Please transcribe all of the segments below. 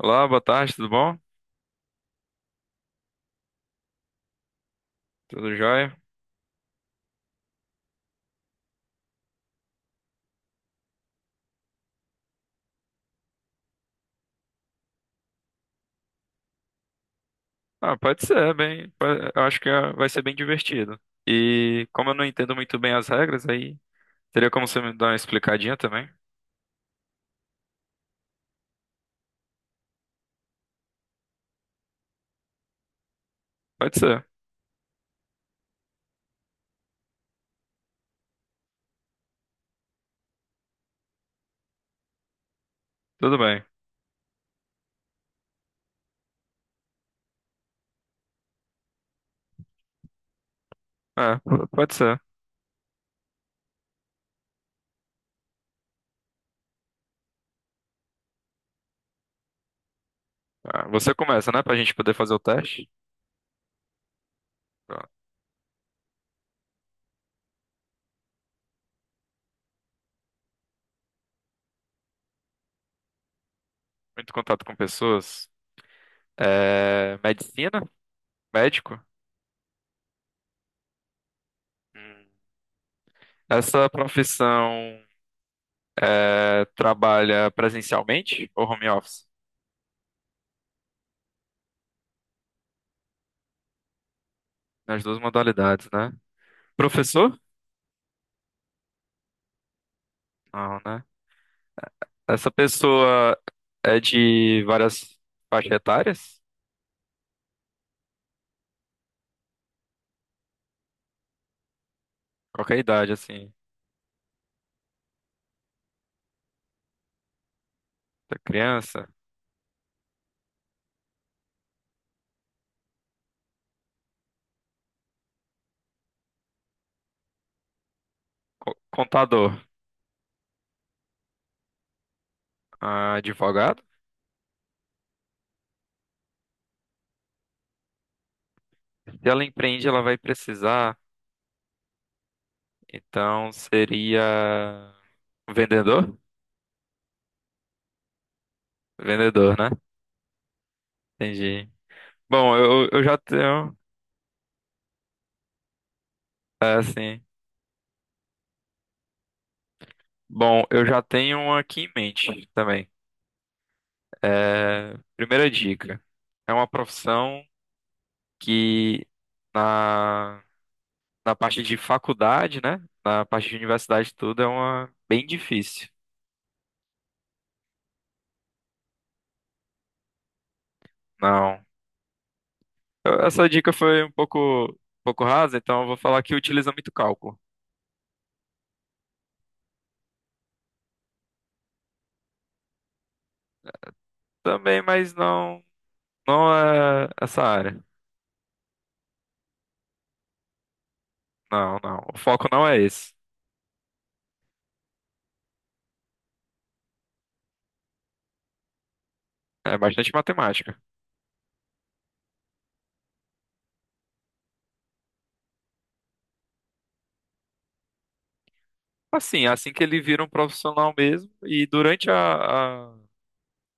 Olá, boa tarde, tudo bom? Tudo jóia? Pode ser, bem, eu acho que vai ser bem divertido. E como eu não entendo muito bem as regras, aí teria como você me dar uma explicadinha também? Pode ser, tudo bem. É, pode ser. Ah, você começa, né, pra gente poder fazer o teste? Tá. Muito contato com pessoas. É, medicina? Médico? Hum. Essa profissão é, trabalha presencialmente ou home office? Nas duas modalidades, né? Professor? Não, né? Essa pessoa é de várias faixas etárias? Qualquer idade, assim. Da criança? Contador? Ah, advogado? Se ela empreende, ela vai precisar. Então seria. Vendedor? Vendedor, né? Entendi. Bom, eu já tenho. É assim. Bom, eu já tenho uma aqui em mente também. É, primeira dica. É uma profissão que. Na parte de faculdade, né? Na parte de universidade, tudo é uma bem difícil. Não. Essa dica foi um pouco rasa, então eu vou falar que utiliza muito cálculo. Também, mas não, não é essa área. Não, não. O foco não é esse. É bastante matemática. Assim, é assim que ele vira um profissional mesmo, e durante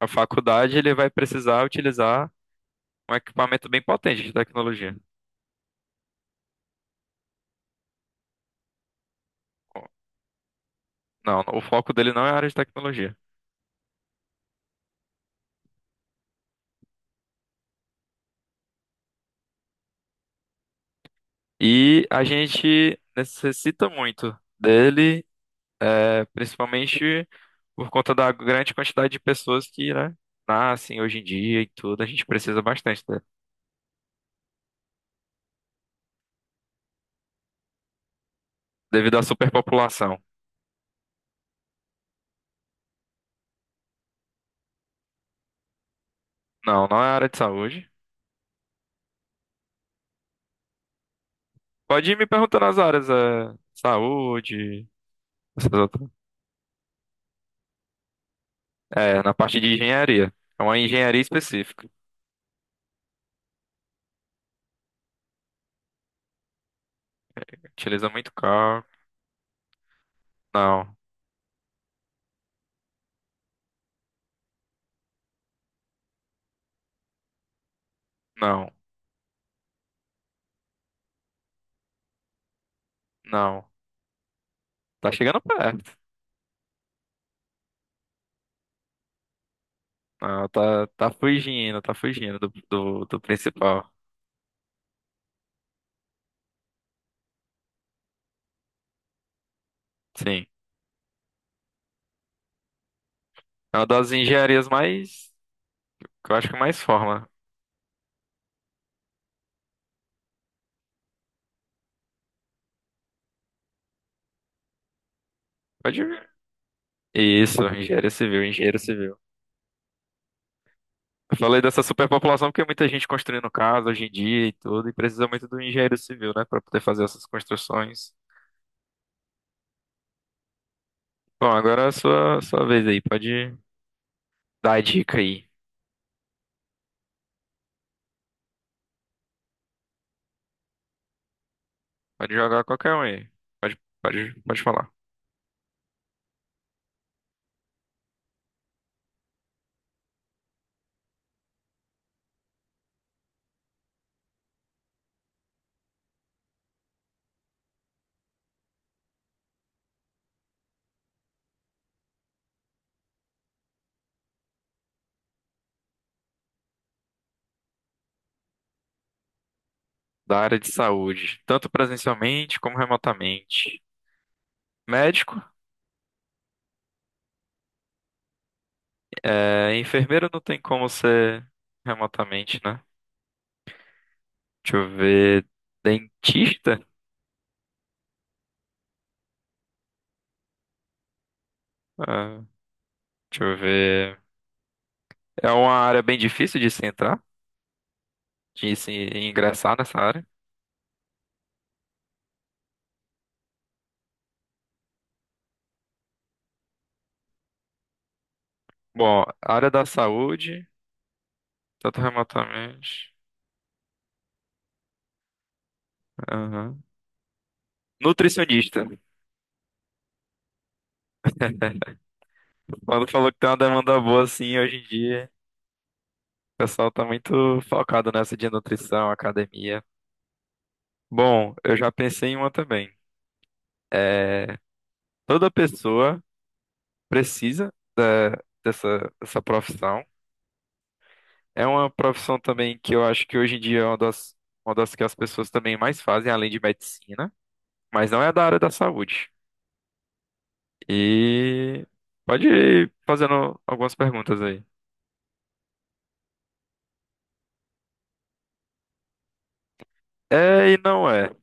a faculdade ele vai precisar utilizar um equipamento bem potente de tecnologia. Não, o foco dele não é a área de tecnologia. E a gente necessita muito dele, é, principalmente por conta da grande quantidade de pessoas que, né, nascem hoje em dia e tudo. A gente precisa bastante dele, devido à superpopulação. Não, não é área de saúde. Pode ir me perguntando as áreas, é, saúde, essas outras. É, na parte de engenharia. É uma engenharia específica. Utiliza muito cálculo. Não, não, não. Tá chegando perto. Não, tá, tá fugindo do do principal. Sim. É uma das engenharias mais. Que eu acho que mais forma. Pode ver. Isso, engenharia civil, engenheiro civil. Eu falei dessa superpopulação porque muita gente construindo casa hoje em dia e tudo, e precisa muito do engenheiro civil, né, pra poder fazer essas construções. Bom, agora é a sua, sua vez aí, pode dar a dica aí. Pode jogar qualquer um aí. Pode, pode, pode falar. Da área de saúde, tanto presencialmente como remotamente. Médico, é, enfermeiro não tem como ser remotamente, né? Deixa eu ver. Dentista? Ah, deixa eu ver. É uma área bem difícil de se entrar, de se ingressar nessa área. Bom, área da saúde, tanto remotamente. Aham. Nutricionista. Quando falou que tem uma demanda boa assim hoje em dia, o pessoal tá muito focado nessa de nutrição, academia. Bom, eu já pensei em uma também. É, toda pessoa precisa dessa, dessa profissão. É uma profissão também que eu acho que hoje em dia é uma das que as pessoas também mais fazem, além de medicina, mas não é da área da saúde. E pode ir fazendo algumas perguntas aí. É e não é.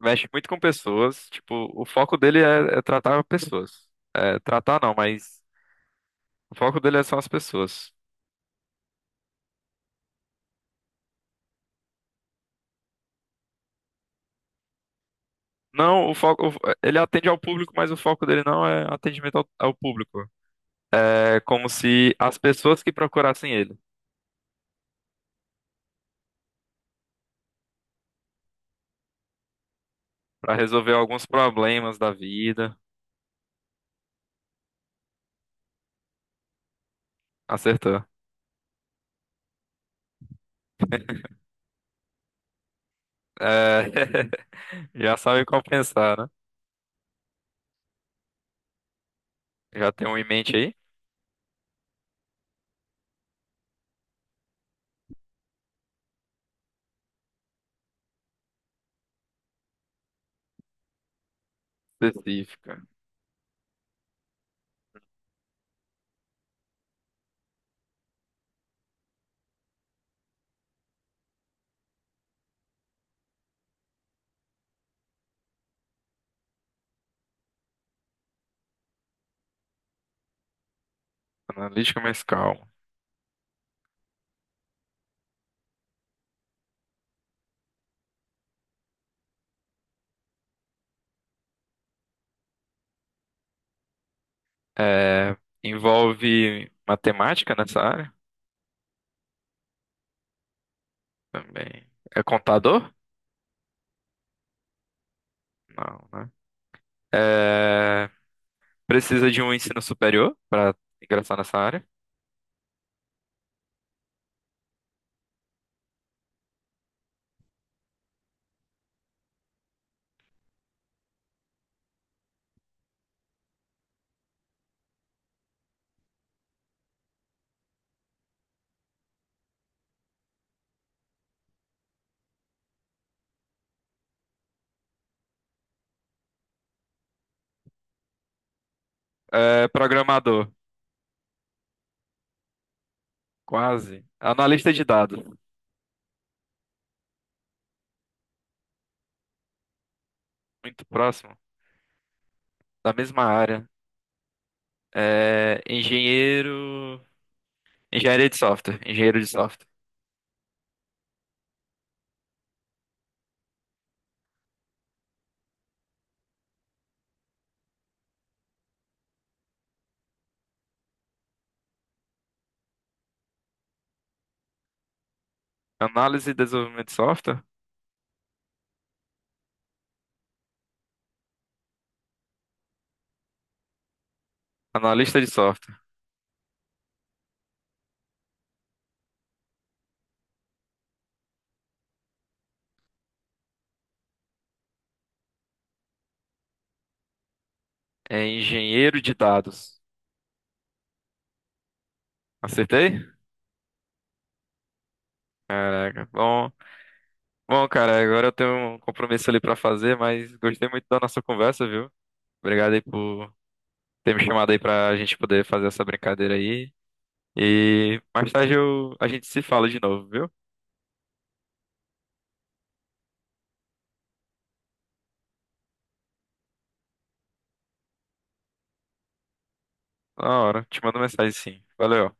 Mexe muito com pessoas, tipo, o foco dele é, é tratar pessoas. É, tratar não, mas o foco dele são as pessoas. Não, o foco, ele atende ao público, mas o foco dele não é atendimento ao, ao público. É como se as pessoas que procurassem ele. Pra resolver alguns problemas da vida. Acertou. É, já sabe qual pensar, né? Já tem um em mente aí? Específica. Analítica mais calma. É, envolve matemática nessa área? Também. É contador? Não, né? É, precisa de um ensino superior para ingressar nessa área? É, programador? Quase. Analista de dados? Muito próximo. Da mesma área. É, engenheiro. Engenharia de software. Engenheiro de software. Análise e desenvolvimento de software. Analista de software. É engenheiro de dados. Acertei? Caraca. Bom, bom, cara, agora eu tenho um compromisso ali pra fazer, mas gostei muito da nossa conversa, viu? Obrigado aí por ter me chamado aí pra gente poder fazer essa brincadeira aí. E mais tarde eu, a gente se fala de novo, viu? Na hora. Te mando mensagem sim. Valeu.